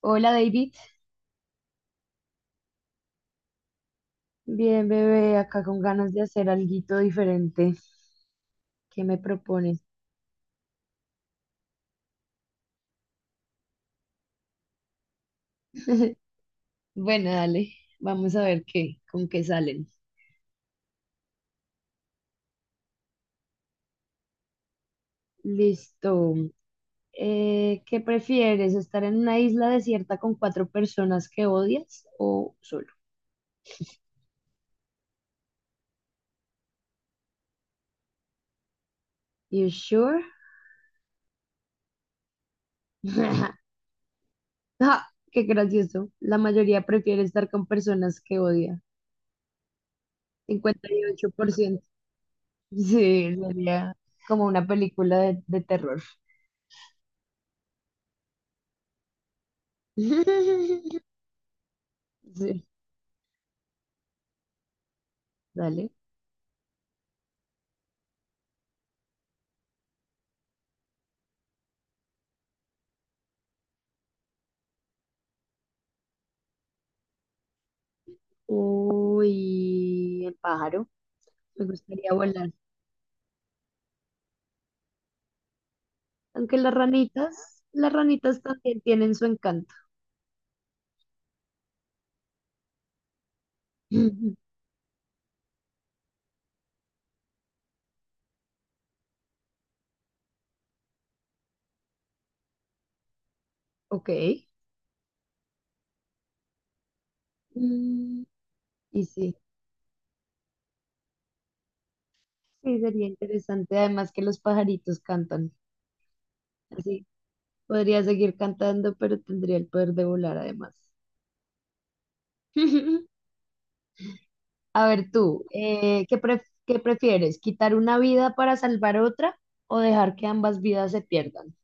Hola David, bien bebé, acá con ganas de hacer algo diferente. ¿Qué me propones? Bueno, dale, vamos a ver qué, con qué salen. Listo. ¿Qué prefieres? ¿Estar en una isla desierta con cuatro personas que odias o solo? You sure? Ah, qué gracioso. La mayoría prefiere estar con personas que odia. 58%. Sí, sería como una película de terror. Sí, dale. Uy, el pájaro. Me gustaría volar. Aunque las ranitas también tienen su encanto. Ok. Mm, y sí, sí, sería interesante. Además que los pajaritos cantan. Así podría seguir cantando, pero tendría el poder de volar además. A ver tú, ¿qué prefieres? ¿Quitar una vida para salvar otra o dejar que ambas vidas se pierdan?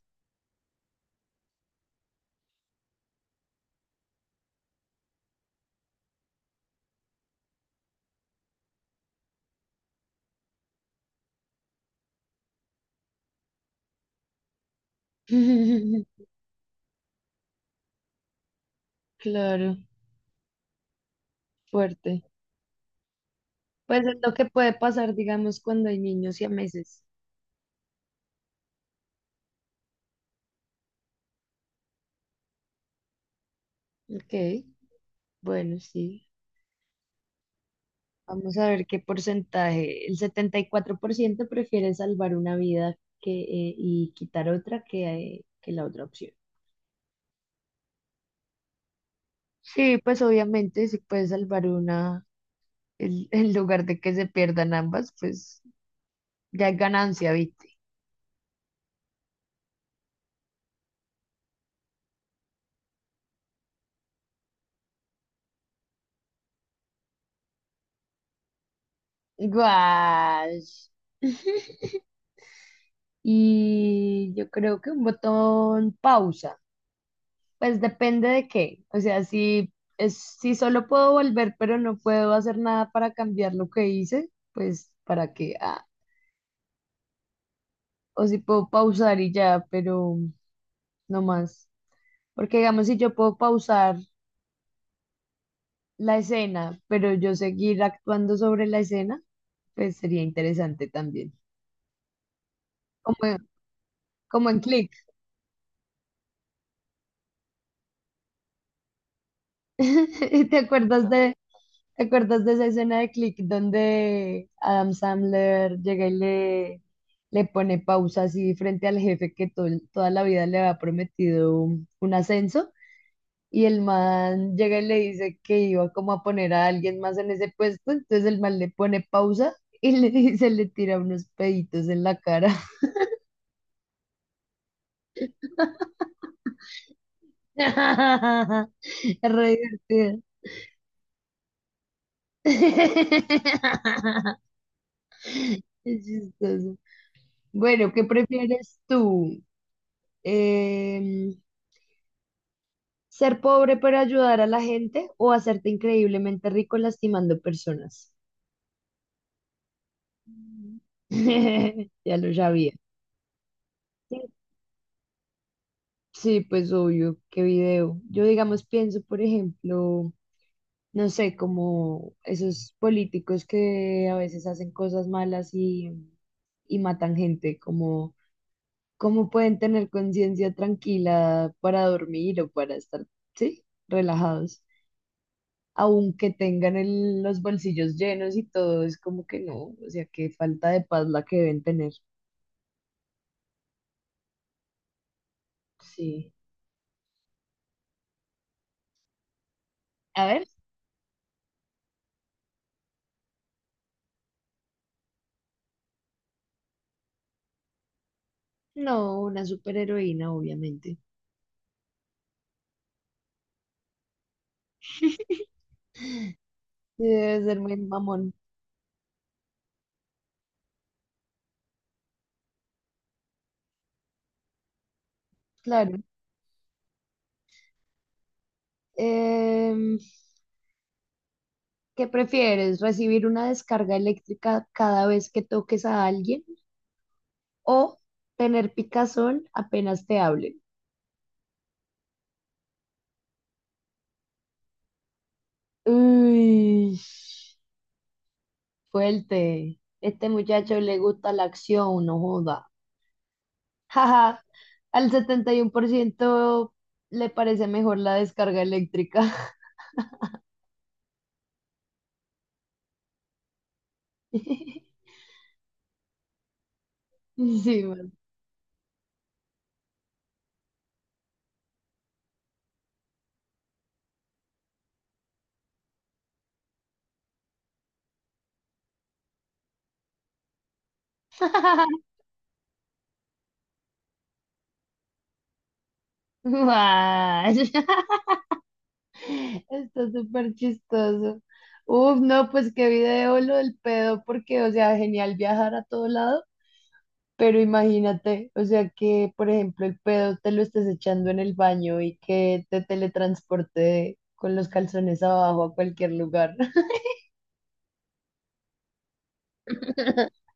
Claro. Fuerte. Pues es lo que puede pasar, digamos, cuando hay niños y a meses. Ok, bueno, sí. Vamos a ver qué porcentaje. El 74% prefiere salvar una vida que, y quitar otra que la otra opción. Sí, pues obviamente si puedes salvar una en lugar de que se pierdan ambas, pues ya es ganancia, ¿viste? Guau. Y yo creo que un botón pausa. Pues depende de qué. O sea, si es, si solo puedo volver, pero no puedo hacer nada para cambiar lo que hice, pues para qué. Ah, o si puedo pausar y ya, pero no más. Porque digamos, si yo puedo pausar la escena, pero yo seguir actuando sobre la escena, pues sería interesante también. Como, como en Click. ¿Te acuerdas de, ¿Te acuerdas de esa escena de Click donde Adam Sandler llega le pone pausa así frente al jefe que toda la vida le había prometido un ascenso? Y el man llega y le dice que iba como a poner a alguien más en ese puesto, entonces el man le pone pausa y le dice, le tira unos peditos en la cara. Es re divertido. Es chistoso. Bueno, ¿qué prefieres tú? Em, ¿ser pobre pero ayudar a la gente o hacerte increíblemente rico lastimando personas? Ya lo sabía. Sí, sí, pues obvio, qué video. Yo, digamos, pienso, por ejemplo, no sé, como esos políticos que a veces hacen cosas malas y matan gente, como cómo pueden tener conciencia tranquila para dormir o para estar, sí, relajados. Aunque tengan los bolsillos llenos y todo, es como que no, o sea, qué falta de paz la que deben tener. Sí. A ver, no, una superheroína, obviamente. Debe ser muy mamón, claro. Em, ¿Qué prefieres? ¿Recibir una descarga eléctrica cada vez que toques a alguien o tener picazón apenas te hablen? Uy, fuerte. Este muchacho le gusta la acción, no joda. Jaja, al 71% le parece mejor la descarga eléctrica. Sí, man. Guay. Está súper chistoso. Uf, no, pues qué video lo del pedo, porque, o sea, genial viajar a todo lado, pero imagínate, o sea, que, por ejemplo, el pedo te lo estés echando en el baño y que te teletransporte con los calzones abajo a cualquier lugar.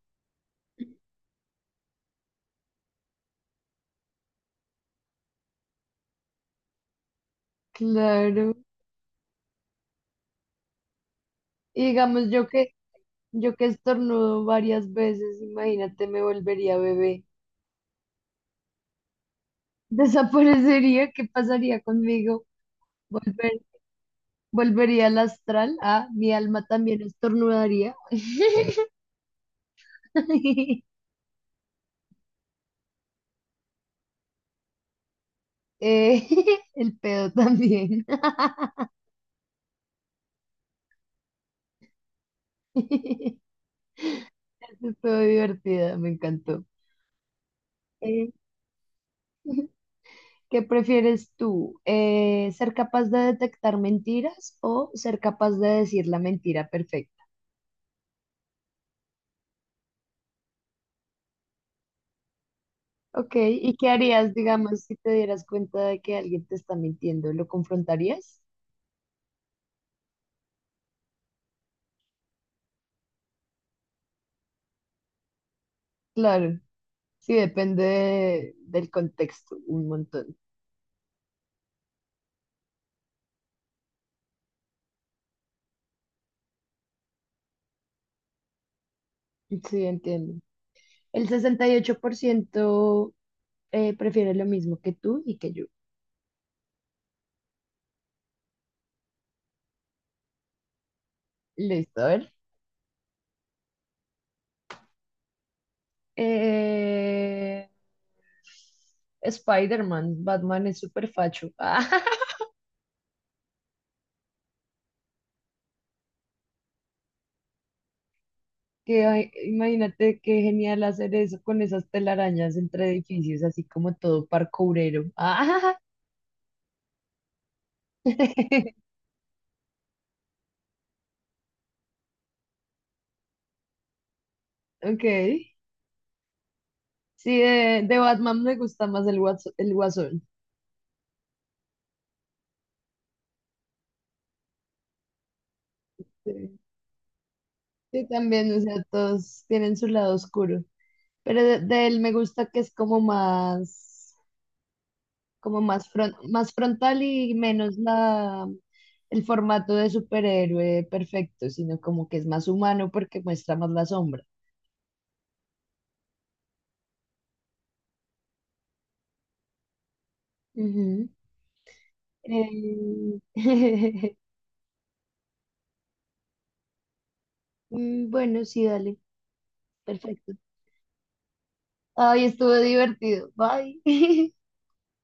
Claro. Y digamos, yo que estornudo varias veces, imagínate, me volvería bebé. Desaparecería, ¿qué pasaría conmigo? Volver, volvería al astral. Ah, mi alma también estornudaría. Eh, el pedo también. Estuvo divertida, me encantó. Eh, ¿qué prefieres tú? ¿Ser capaz de detectar mentiras o ser capaz de decir la mentira perfecta? Ok, ¿y qué harías, digamos, si te dieras cuenta de que alguien te está mintiendo? ¿Lo confrontarías? Claro, sí, depende del contexto, un montón. Sí, entiendo. El 68% prefiere lo mismo que tú y que yo. Listo, a ver. Eh, Spider-Man, Batman es súper facho. Que, ay, imagínate qué genial hacer eso con esas telarañas entre edificios, así como todo parkourero. Ok. Sí, de Batman me gusta más el el guasón. Sí. Sí, también, o sea, todos tienen su lado oscuro. Pero de él me gusta que es como más, más frontal y menos la, el formato de superhéroe perfecto, sino como que es más humano porque muestra más la sombra. Ujú. Eh, mm, Bueno, sí, dale. Perfecto. Ay, estuvo divertido. Bye.